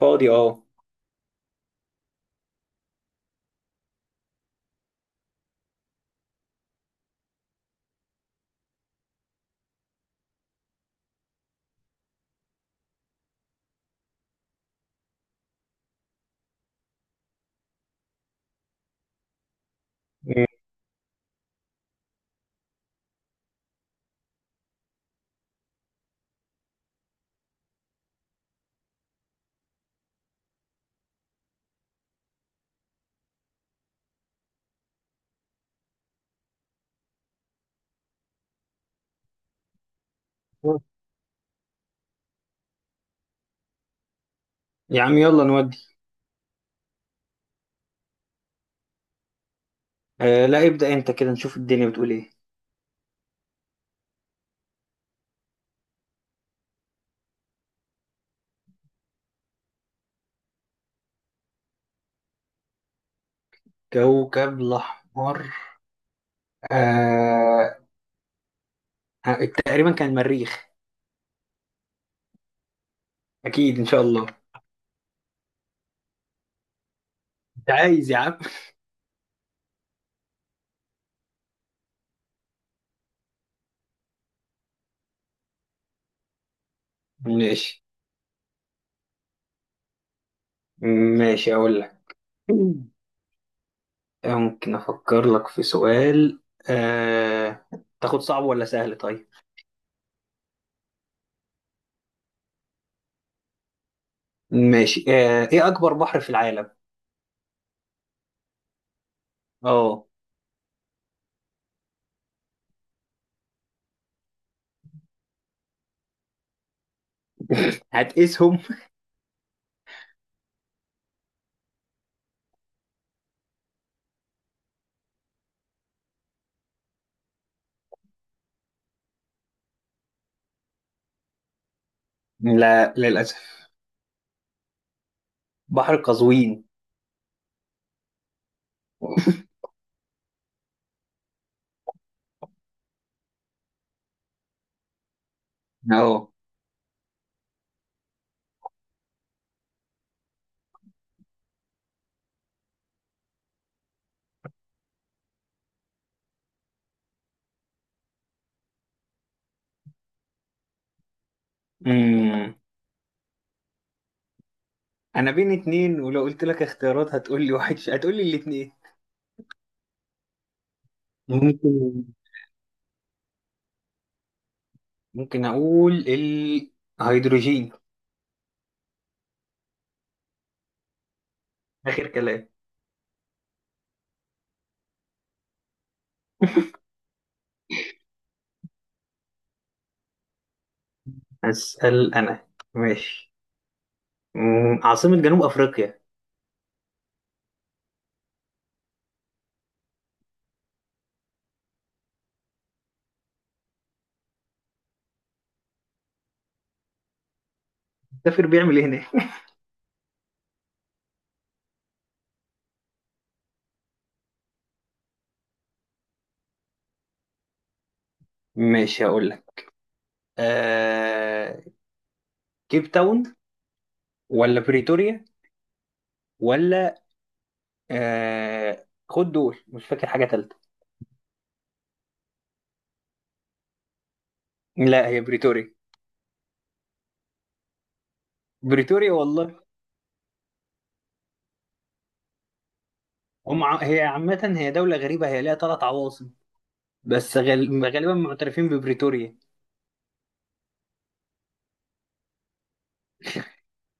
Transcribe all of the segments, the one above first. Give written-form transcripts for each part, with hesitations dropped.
فاضي، اه. يا عم يلا نودي. آه، لا، ابدأ انت كده نشوف الدنيا بتقول ايه. كوكب الأحمر. آه. تقريبا كان المريخ. أكيد إن شاء الله. أنت عايز يا عم. ماشي، ماشي أقول لك. ممكن أفكر لك في سؤال. آه. تاخد صعب ولا سهل طيب؟ ماشي. إيه أكبر بحر في العالم؟ أه. هتقيسهم؟ لا، للأسف. بحر قزوين. أه انا بين اتنين، ولو قلت لك اختيارات هتقول لي واحد هتقول لي الاتنين. ممكن ممكن اقول الهيدروجين. اخر كلام. اسال انا. ماشي. عاصمة جنوب افريقيا. السفير بيعمل ايه هناك؟ ماشي، هقول لك. آه... كيب تاون، ولا بريتوريا، ولا خد دول، مش فاكر حاجة تالتة. لا، هي بريتوريا. بريتوريا والله. هي عامة، هي دولة غريبة، هي ليها ثلاث عواصم. بس غالبا معترفين ببريتوريا.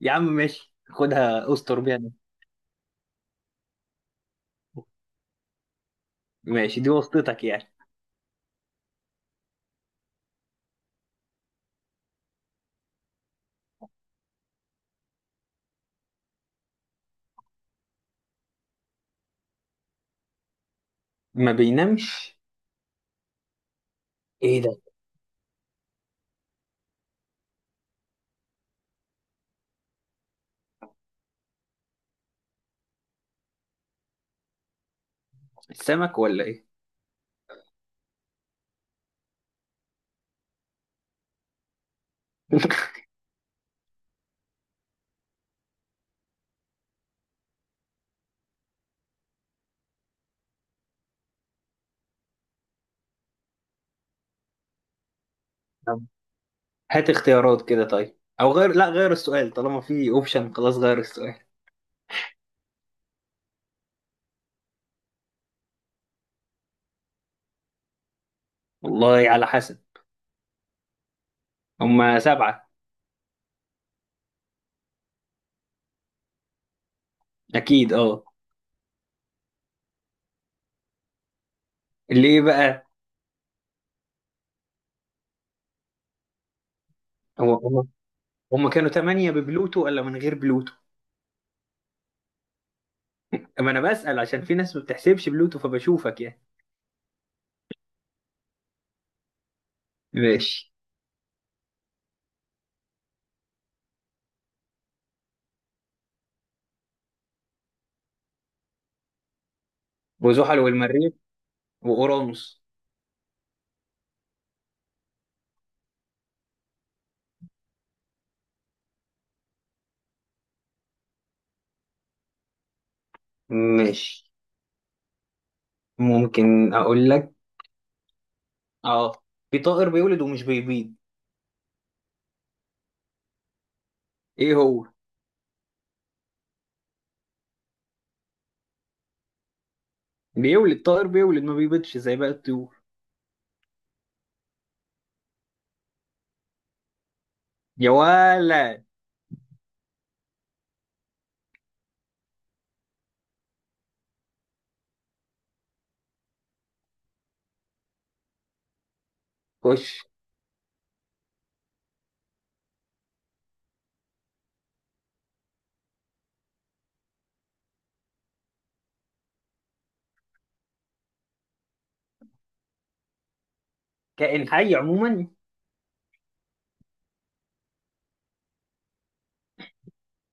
يا عم ماشي، خدها استر بيها نفسك. ماشي، دي واسطتك يعني. ما بينامش؟ ايه ده؟ السمك ولا ايه؟ طب هات اختيارات كده، طيب او غير، لا غير السؤال طالما في اوبشن، خلاص غير السؤال. والله على حسب. هما سبعة. اكيد اه. اللي ايه بقى؟ هو هما كانوا تمانية ببلوتو ولا من غير بلوتو؟ اما انا بسأل عشان في ناس ما بتحسبش بلوتو فبشوفك يعني. ماشي. وزحل والمريخ واورانوس. ماشي، ممكن اقول لك. اه، في طائر بيولد ومش بيبيض. ايه هو؟ بيولد، طائر بيولد ما بيبيضش زي باقي الطيور. يا ولا. خش. كائن حي عموما.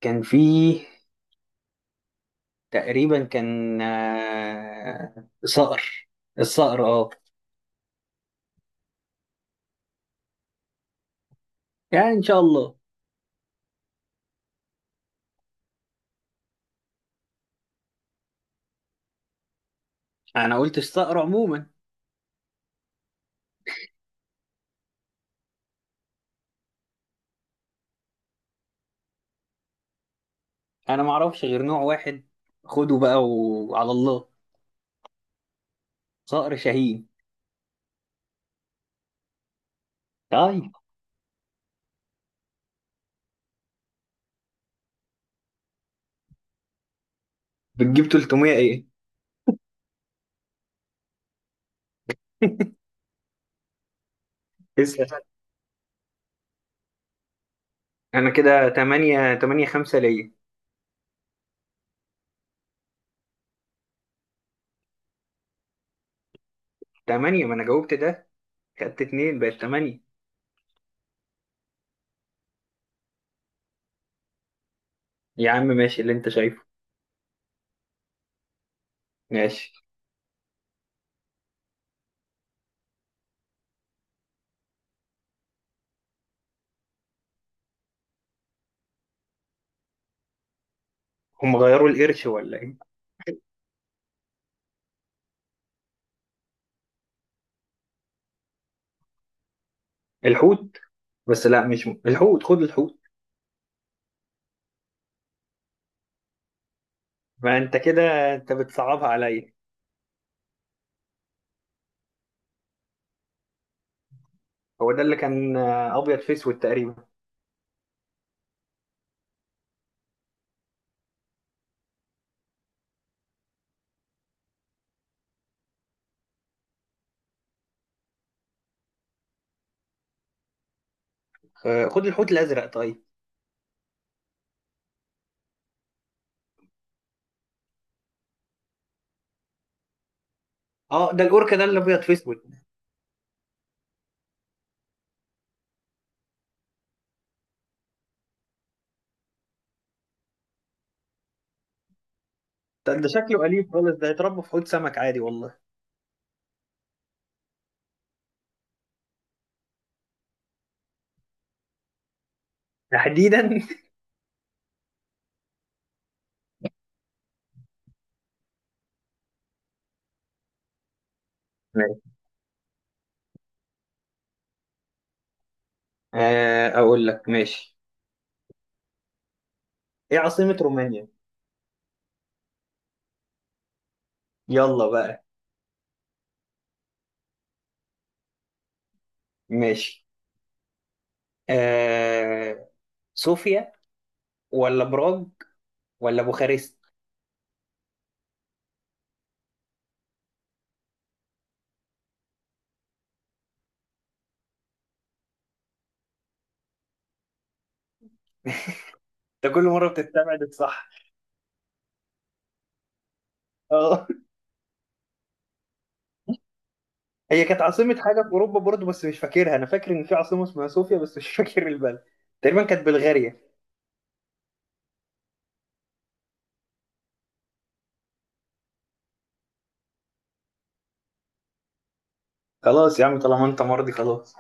كان فيه، تقريبا كان صقر. الصقر اه. يعني ان شاء الله. انا قلت الصقر عموما. انا ما اعرفش غير نوع واحد، خده بقى وعلى الله. صقر شاهين. طيب. بتجيب 300 ايه؟ اسأل. انا كده 8 8 5 ليا. 8، ما انا جاوبت ده، خدت اتنين بقت تمانية. يا عم ماشي اللي انت شايفه. ماشي. هم غيروا القرش ولا ايه؟ الحوت. بس لا، مش الحوت، خد الحوت. ما انت كده، انت بتصعبها عليا. هو ده اللي كان ابيض في اسود تقريبا. خد الحوت الازرق طيب. اه، ده الاوركا، ده اللي ابيض في اسود. ده شكله اليف خالص، ده يتربى في حوض سمك عادي والله. تحديدا؟ ماشي. اقول لك ماشي. ايه عاصمة رومانيا؟ يلا بقى. ماشي. آه... صوفيا، ولا براغ، ولا بوخارست. انت كل مره بتستبعد الصح. اه. هي كانت عاصمه حاجه في اوروبا برضه بس مش فاكرها، انا فاكر ان في عاصمه اسمها صوفيا بس مش فاكر البلد. تقريبا كانت بلغاريا. خلاص يا عم، طالما انت مرضي خلاص.